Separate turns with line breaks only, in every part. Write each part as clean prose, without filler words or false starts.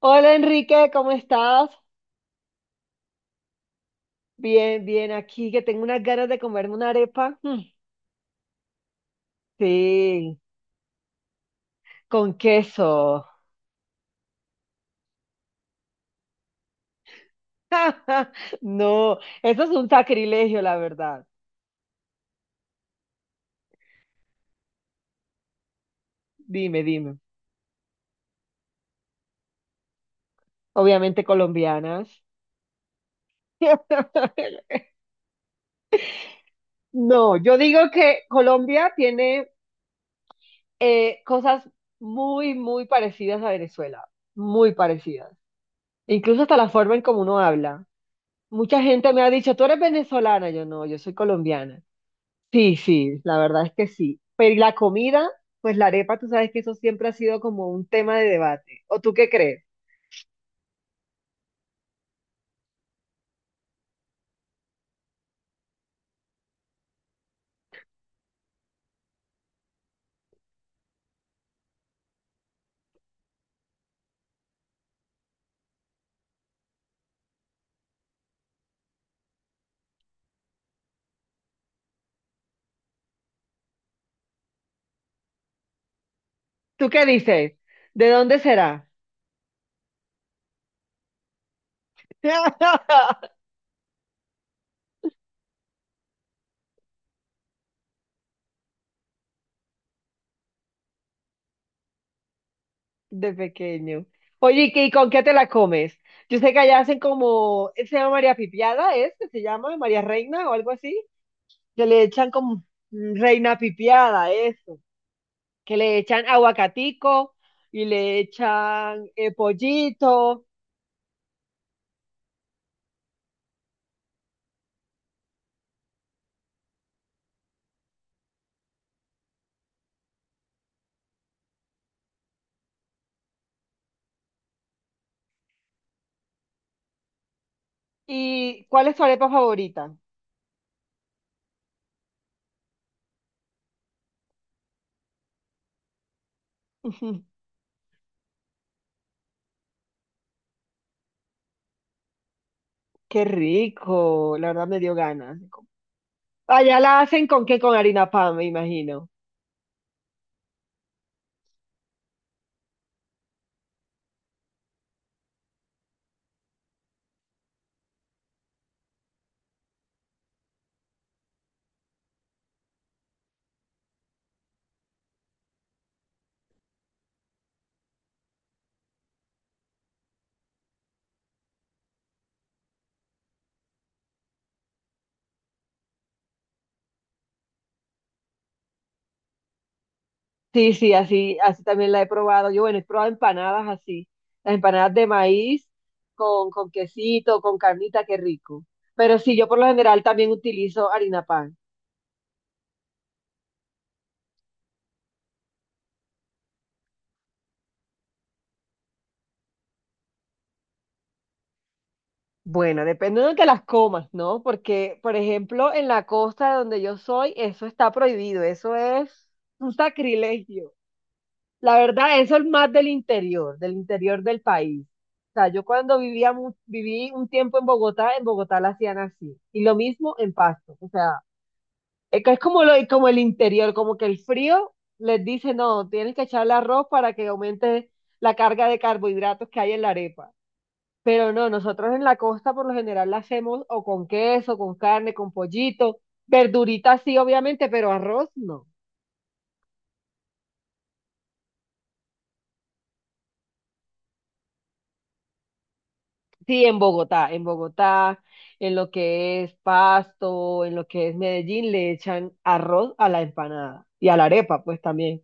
Hola Enrique, ¿cómo estás? Bien, bien, aquí que tengo unas ganas de comerme una arepa. Mm, sí, con queso. No, eso es un sacrilegio, la verdad. Dime, dime. Obviamente colombianas. No, yo digo que Colombia tiene cosas muy, muy parecidas a Venezuela, muy parecidas. Incluso hasta la forma en cómo uno habla. Mucha gente me ha dicho, tú eres venezolana, yo no, yo soy colombiana. Sí, sí, la verdad es que sí. Pero ¿y la comida, pues la arepa, tú sabes que eso siempre ha sido como un tema de debate? ¿O tú qué crees? ¿Tú qué dices? ¿De dónde será? De pequeño. Oye, ¿y con qué te la comes? Yo sé que allá hacen como, se llama María Pipiada, ¿es? Que ¿se llama María Reina o algo así? Que le echan como Reina Pipiada, eso. Que le echan aguacatico y le echan pollito. ¿Y cuál es tu arepa favorita? Qué rico, la verdad me dio ganas. Allá la hacen con qué, con harina pan, me imagino. Sí, sí, así, así también la he probado. Yo, bueno, he probado empanadas así, las empanadas de maíz con quesito, con carnita, qué rico. Pero sí, yo por lo general también utilizo harina pan. Bueno, depende de donde las comas, ¿no? Porque, por ejemplo, en la costa de donde yo soy, eso está prohibido, eso es un sacrilegio. La verdad, eso es más del interior, del interior del país. O sea, yo cuando vivía, viví un tiempo en Bogotá la hacían así. Y lo mismo en Pasto. O sea, es que es como, como el interior, como que el frío les dice, no, tienes que echarle arroz para que aumente la carga de carbohidratos que hay en la arepa. Pero no, nosotros en la costa por lo general la hacemos o con queso, con carne, con pollito, verdurita sí, obviamente, pero arroz no. Sí, en Bogotá, en Bogotá, en lo que es Pasto, en lo que es Medellín, le echan arroz a la empanada y a la arepa, pues también.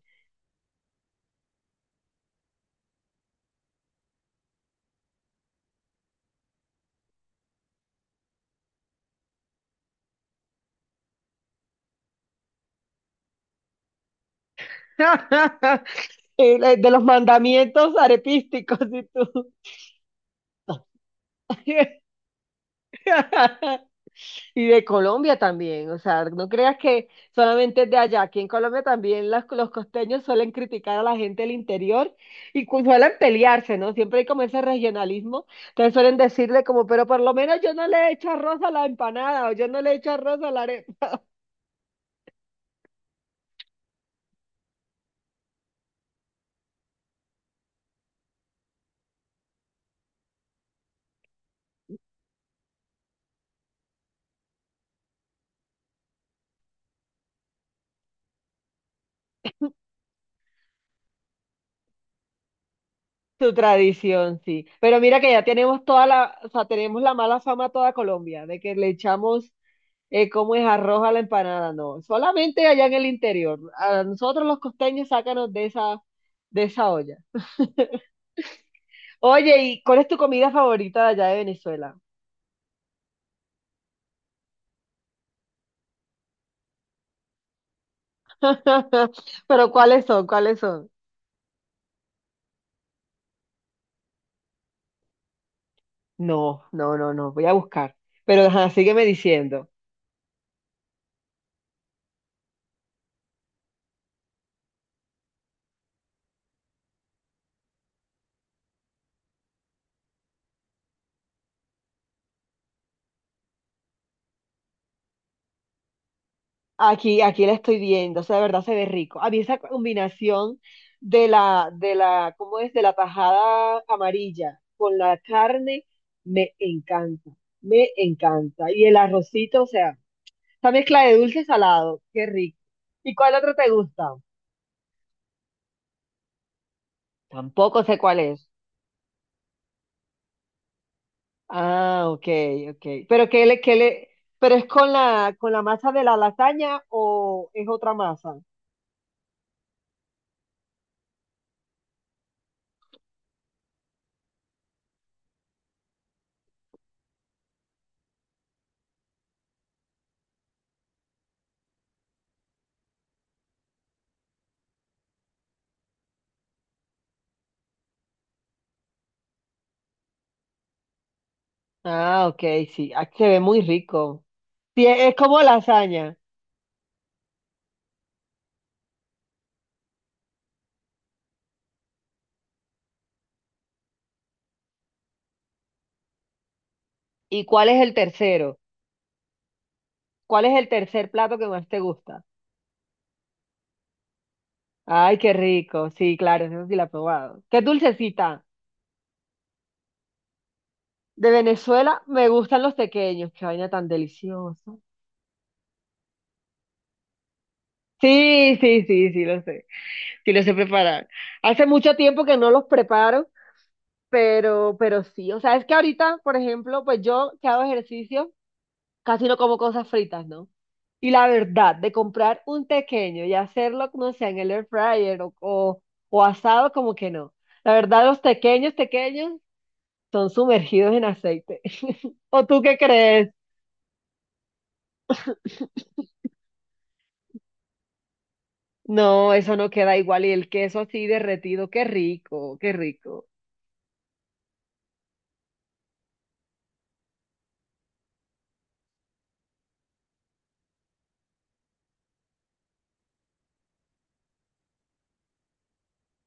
De los mandamientos arepísticos, y tú. Y de Colombia también, o sea, no creas que solamente es de allá, aquí en Colombia también los costeños suelen criticar a la gente del interior y suelen pelearse, ¿no? Siempre hay como ese regionalismo, entonces suelen decirle como, pero por lo menos yo no le echo arroz a la empanada o yo no le echo arroz a la arepa. Su tradición, sí. Pero mira que ya tenemos toda la, o sea, tenemos la mala fama a toda Colombia, de que le echamos ¿cómo es arroz a la empanada? No, solamente allá en el interior. A nosotros los costeños sácanos de esa olla. Oye, ¿y cuál es tu comida favorita de allá de Venezuela? Pero ¿cuáles son? ¿Cuáles son? No, no, no, no, voy a buscar. Pero ajá, sígueme diciendo. Aquí, aquí la estoy viendo, o sea, de verdad se ve rico. A mí esa combinación de la, ¿cómo es? De la tajada amarilla con la carne, me encanta, me encanta. Y el arrocito, o sea. Esa mezcla de dulce y salado, qué rico. ¿Y cuál otro te gusta? Tampoco sé cuál es. Ah, ok, ok. ¿Pero qué le, pero es con la, masa de la lasaña o es otra masa? Ah, ok, sí. Ah, se ve muy rico. Sí, es como lasaña. ¿Y cuál es el tercero? ¿Cuál es el tercer plato que más te gusta? Ay, qué rico. Sí, claro, eso sí la he probado. Qué dulcecita. De Venezuela me gustan los pequeños. Qué vaina tan deliciosa. Sí, sí, sí, sí lo sé preparar. Hace mucho tiempo que no los preparo, pero sí, o sea, es que ahorita, por ejemplo, pues yo que hago ejercicio, casi no como cosas fritas, ¿no? Y la verdad, de comprar un pequeño y hacerlo, no sé, en el air fryer o asado, como que no. La verdad, los pequeños, pequeños son sumergidos en aceite. ¿O tú qué crees? No, eso no queda igual. Y el queso así derretido, qué rico, qué rico.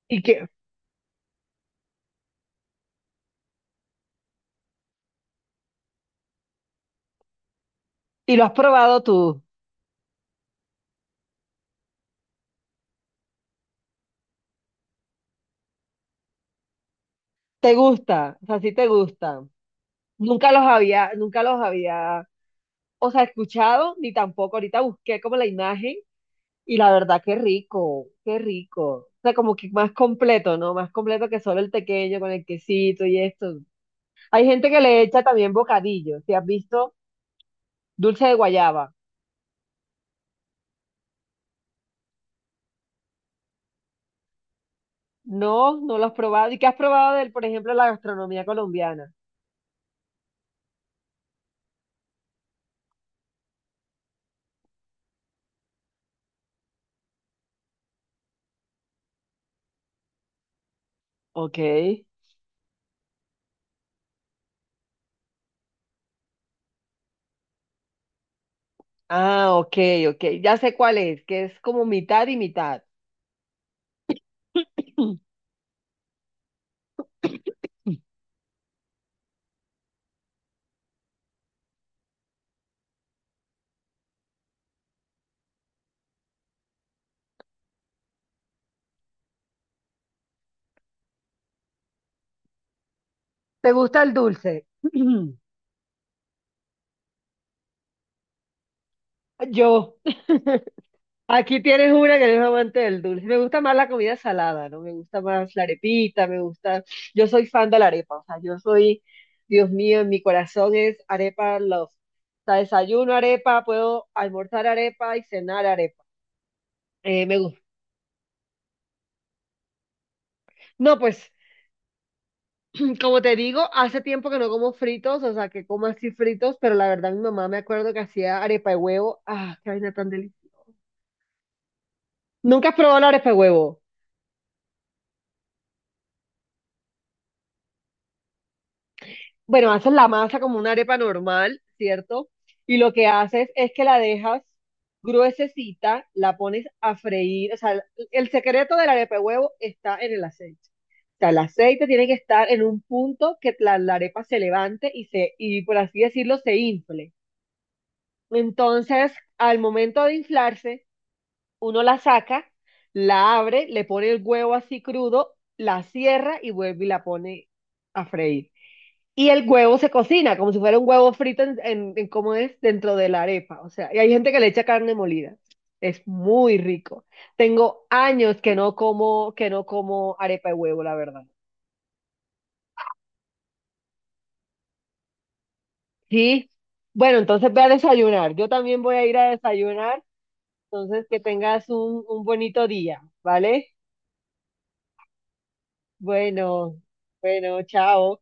Y que. Y lo has probado tú. ¿Te gusta? O sea, sí te gusta. Nunca los había, o sea, escuchado, ni tampoco. Ahorita busqué como la imagen y la verdad, qué rico, qué rico. O sea, como que más completo, ¿no? Más completo que solo el tequeño con el quesito y esto. Hay gente que le echa también bocadillo. Si has visto dulce de guayaba. No, no lo has probado. ¿Y qué has probado del, por ejemplo, la gastronomía colombiana? Ok. Ah, ok, ok. Ya sé cuál es, que es como mitad y mitad. ¿Te gusta el dulce? Yo, aquí tienes una que es amante del dulce. Me gusta más la comida salada, ¿no? Me gusta más la arepita, me gusta. Yo soy fan de la arepa, o sea, yo soy, Dios mío, en mi corazón es arepa love. O sea, desayuno arepa, puedo almorzar arepa y cenar arepa. Me gusta. No, pues, como te digo, hace tiempo que no como fritos, o sea, que como así fritos, pero la verdad mi mamá me acuerdo que hacía arepa de huevo. Ah, qué vaina tan deliciosa. Nunca has probado la arepa de huevo. Bueno, haces la masa como una arepa normal, ¿cierto? Y lo que haces es que la dejas gruesecita, la pones a freír. O sea, el secreto de la arepa de huevo está en el aceite. O sea, el aceite tiene que estar en un punto que la arepa se levante y se, y por así decirlo, se infle. Entonces, al momento de inflarse, uno la saca, la abre, le pone el huevo así crudo, la cierra y vuelve y la pone a freír. Y el huevo se cocina como si fuera un huevo frito en cómo es dentro de la arepa. O sea, y hay gente que le echa carne molida. Es muy rico. Tengo años que no como arepa de huevo, la verdad. Sí. Bueno, entonces ve a desayunar. Yo también voy a ir a desayunar. Entonces, que tengas un bonito día, ¿vale? Bueno, bueno, chao.